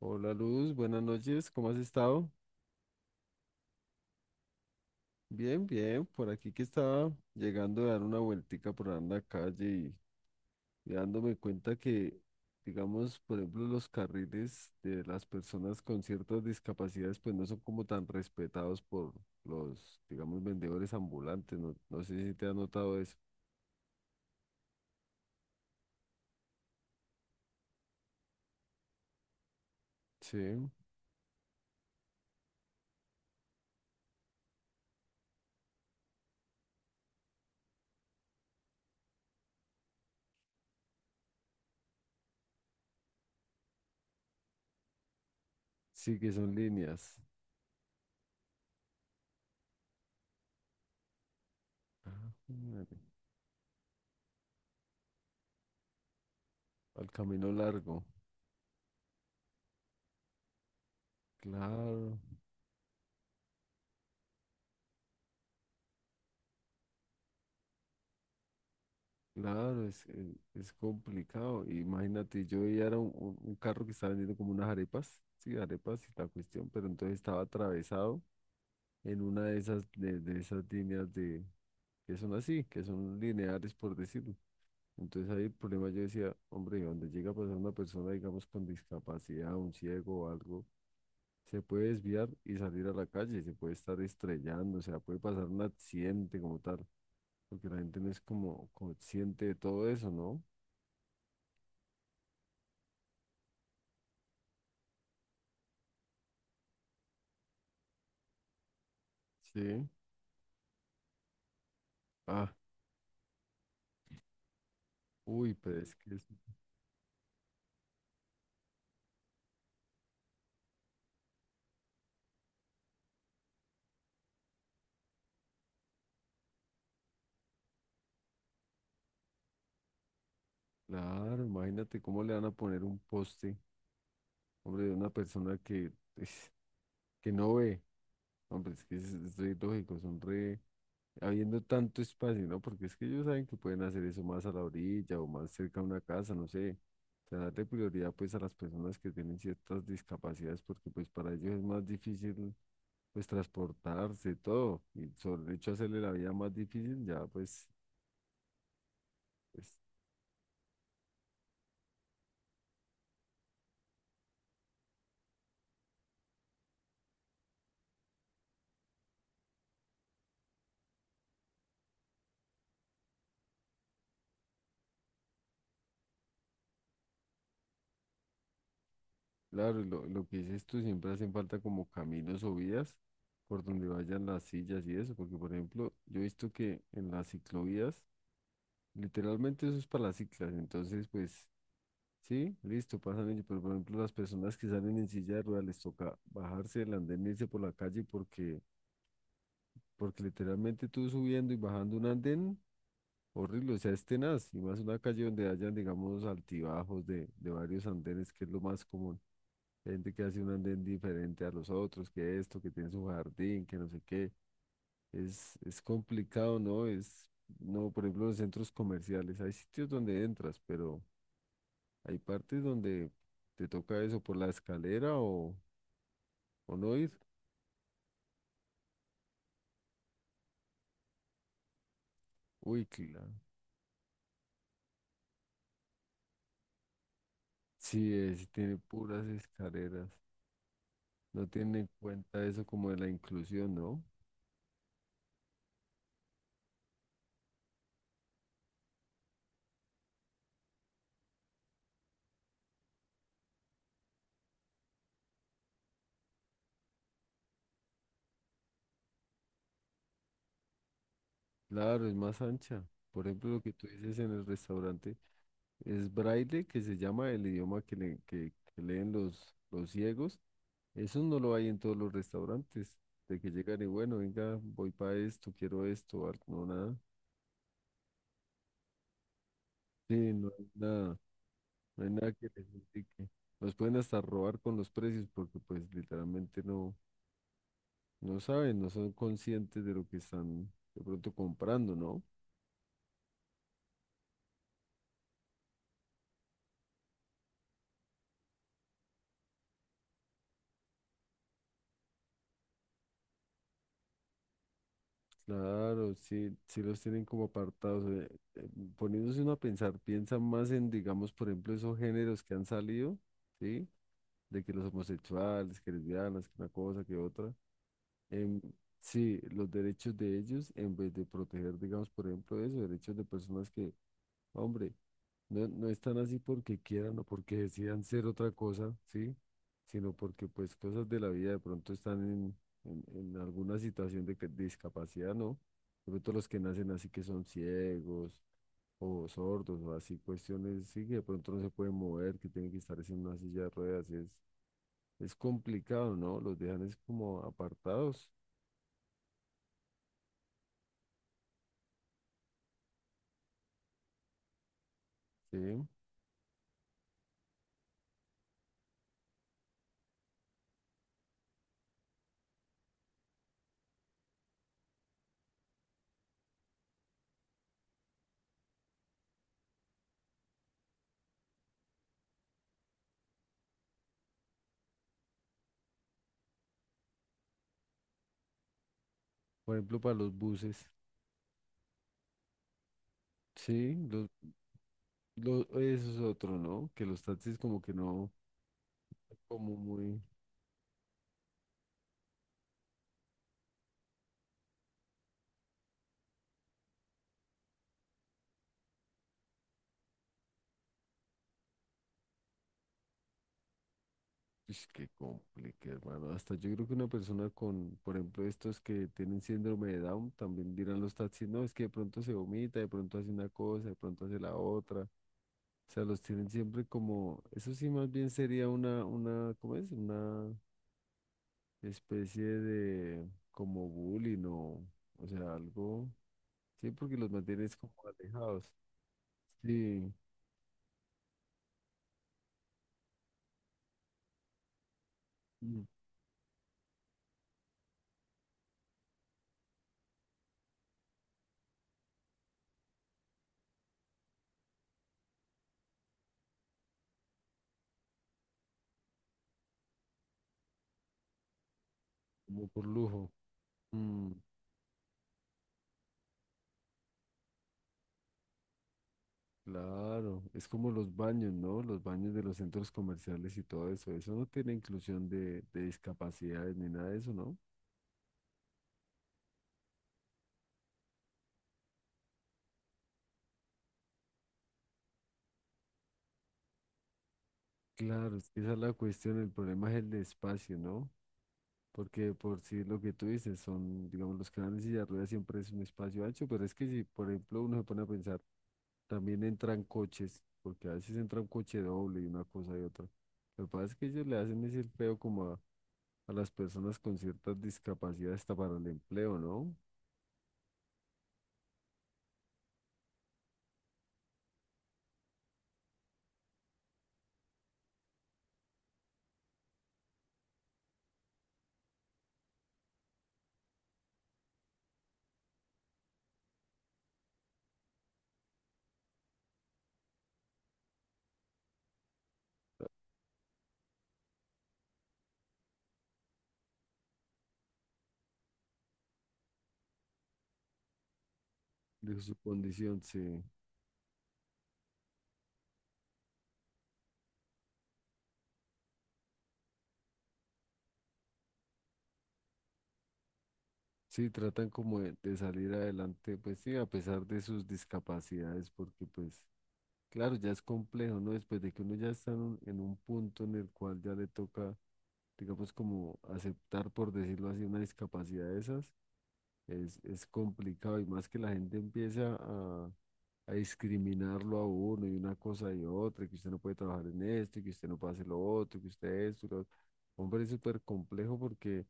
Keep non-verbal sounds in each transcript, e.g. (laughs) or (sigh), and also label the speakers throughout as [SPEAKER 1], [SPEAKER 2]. [SPEAKER 1] Hola Luz, buenas noches, ¿cómo has estado? Bien, bien, por aquí que estaba llegando a dar una vueltica por ahí en la calle y dándome cuenta que, digamos, por ejemplo, los carriles de las personas con ciertas discapacidades pues no son como tan respetados por los, digamos, vendedores ambulantes, no sé si te has notado eso. Sí, sí que son líneas. Ah, madre. Al camino largo, claro. Claro, es complicado. Imagínate, yo veía era un carro que estaba vendiendo como unas arepas, sí, arepas y la cuestión, pero entonces estaba atravesado en una de esas, de esas líneas de, que son así, que son lineares por decirlo. Entonces ahí el problema yo decía, hombre, donde llega a pasar una persona, digamos, con discapacidad, un ciego o algo, se puede desviar y salir a la calle, se puede estar estrellando, o sea, puede pasar un accidente como tal, porque la gente no es como consciente de todo eso, ¿no? Sí. Ah, uy, pero es que claro, imagínate cómo le van a poner un poste, hombre, de una persona que, es- que no ve, hombre, es que es re lógico, son re, habiendo tanto espacio, ¿no? Porque es que ellos saben que pueden hacer eso más a la orilla o más cerca a una casa, no sé, o sea, darle prioridad pues a las personas que tienen ciertas discapacidades, porque pues para ellos es más difícil pues transportarse, todo, y sobre el hecho de hacerle la vida más difícil, ya pues, pues claro, y lo que dices tú, siempre hacen falta como caminos o vías por donde vayan las sillas y eso, porque por ejemplo, yo he visto que en las ciclovías, literalmente eso es para las ciclas, entonces pues sí, listo, pasan ellos, pero por ejemplo las personas que salen en silla de ruedas les toca bajarse del andén e irse por la calle porque, porque literalmente tú subiendo y bajando un andén, horrible, o sea, es tenaz, y más una calle donde hayan, digamos, altibajos de varios andenes, que es lo más común. Gente que hace un andén diferente a los otros, que esto, que tiene su jardín, que no sé qué. Es complicado, ¿no? Es, no, por ejemplo, los centros comerciales, hay sitios donde entras, pero hay partes donde te toca eso por la escalera o no ir. Uy, claro. Sí, es, tiene puras escaleras. No tiene en cuenta eso como de la inclusión, ¿no? Claro, es más ancha. Por ejemplo, lo que tú dices en el restaurante. Es braille, que se llama el idioma que, que leen los ciegos. Eso no lo hay en todos los restaurantes. De que llegan y bueno, venga, voy para esto, quiero esto, no, nada. Sí, no hay nada, no hay nada que les indique. Los pueden hasta robar con los precios porque pues literalmente no, no saben, no son conscientes de lo que están de pronto comprando, ¿no? Claro, sí, sí los tienen como apartados. Eh, Poniéndose uno a pensar, piensa más en, digamos, por ejemplo, esos géneros que han salido, ¿sí? De que los homosexuales, que lesbianas, que una cosa, que otra. em, sí, los derechos de ellos, en vez de proteger, digamos, por ejemplo, eso, derechos de personas que hombre, no, no están así porque quieran o porque decidan ser otra cosa, ¿sí? Sino porque pues cosas de la vida de pronto están en, en alguna situación de discapacidad, ¿no? De pronto los que nacen así que son ciegos o sordos o así cuestiones, sí, que de pronto no se pueden mover, que tienen que estar es en una silla de ruedas, es complicado, ¿no? Los dejan es como apartados, ¿sí? Por ejemplo, para los buses, sí, los, eso es otro, ¿no? Que los taxis como que no. Como muy... Es que complique, hermano. Hasta yo creo que una persona con, por ejemplo, estos que tienen síndrome de Down, también dirán los taxis, no, es que de pronto se vomita, de pronto hace una cosa, de pronto hace la otra. O sea, los tienen siempre como, eso sí más bien sería una, ¿cómo es? Una especie de como bullying o sea, algo, sí, porque los mantienes como alejados. Sí, mm, como por lujo. Mm, claro, es como los baños, ¿no? Los baños de los centros comerciales y todo eso. Eso no tiene inclusión de discapacidades ni nada de eso, ¿no? Claro, es que esa es la cuestión. El problema es el espacio, ¿no? Porque por si lo que tú dices son, digamos, los canales y la rueda siempre es un espacio ancho, pero es que si, por ejemplo, uno se pone a pensar, también entran coches, porque a veces entra un coche doble y una cosa y otra. Lo que pasa es que ellos le hacen ese feo como a las personas con ciertas discapacidades hasta para el empleo, ¿no? De su condición, sí. Sí, tratan como de salir adelante, pues sí, a pesar de sus discapacidades, porque pues, claro, ya es complejo, ¿no? Después de que uno ya está en un punto en el cual ya le toca, digamos, como aceptar, por decirlo así, una discapacidad de esas, es complicado y más que la gente empieza a discriminarlo a uno y una cosa y otra, y que usted no puede trabajar en esto, y que usted no puede hacer lo otro, y que usted esto, y lo otro. Hombre, es súper complejo porque...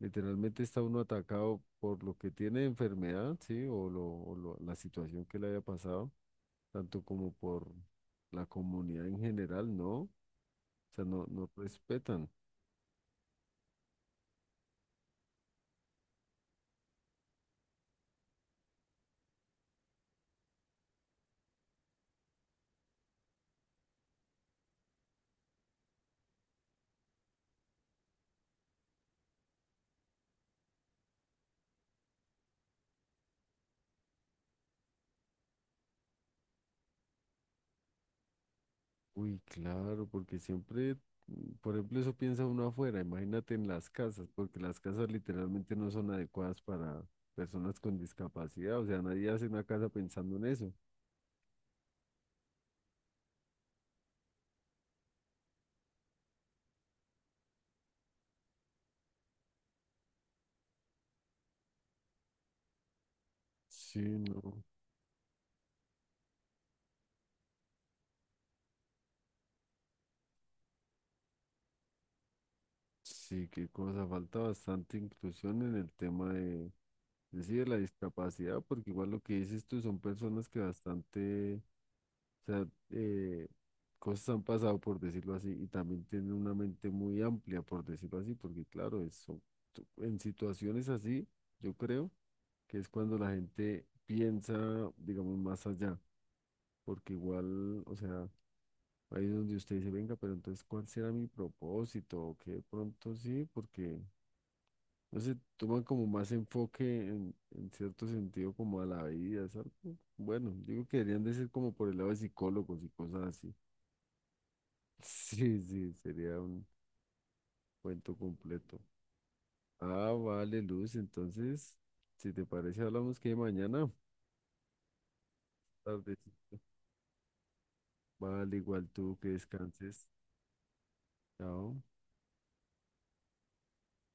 [SPEAKER 1] Literalmente está uno atacado por lo que tiene de enfermedad, ¿sí? O, lo, o la situación que le haya pasado, tanto como por la comunidad en general, ¿no? O sea, no, no respetan. Uy, claro, porque siempre, mm, por ejemplo, eso piensa uno afuera, imagínate en las casas, porque las casas literalmente no son adecuadas para personas con discapacidad, o sea, nadie hace una casa pensando en eso. Sí, no. Sí, qué cosa, falta bastante inclusión en el tema de sí, de la discapacidad, porque igual lo que dices tú son personas que bastante, o sea, eh, cosas han pasado, por decirlo así, y también tienen una mente muy amplia, por decirlo así, porque claro, en situaciones así, yo creo que es cuando la gente piensa, digamos, más allá, porque igual, o sea, ahí es donde usted dice, venga, pero entonces, ¿cuál será mi propósito? O que de pronto sí, porque no se toman como más enfoque en cierto sentido como a la vida, ¿sabes? Bueno, digo que deberían de ser como por el lado de psicólogos y cosas así. (laughs) Sí, sí, sería un cuento completo. Ah, vale, Luz, entonces, si te parece, hablamos que mañana, tardecito. Vale, igual tú que descanses. Chao.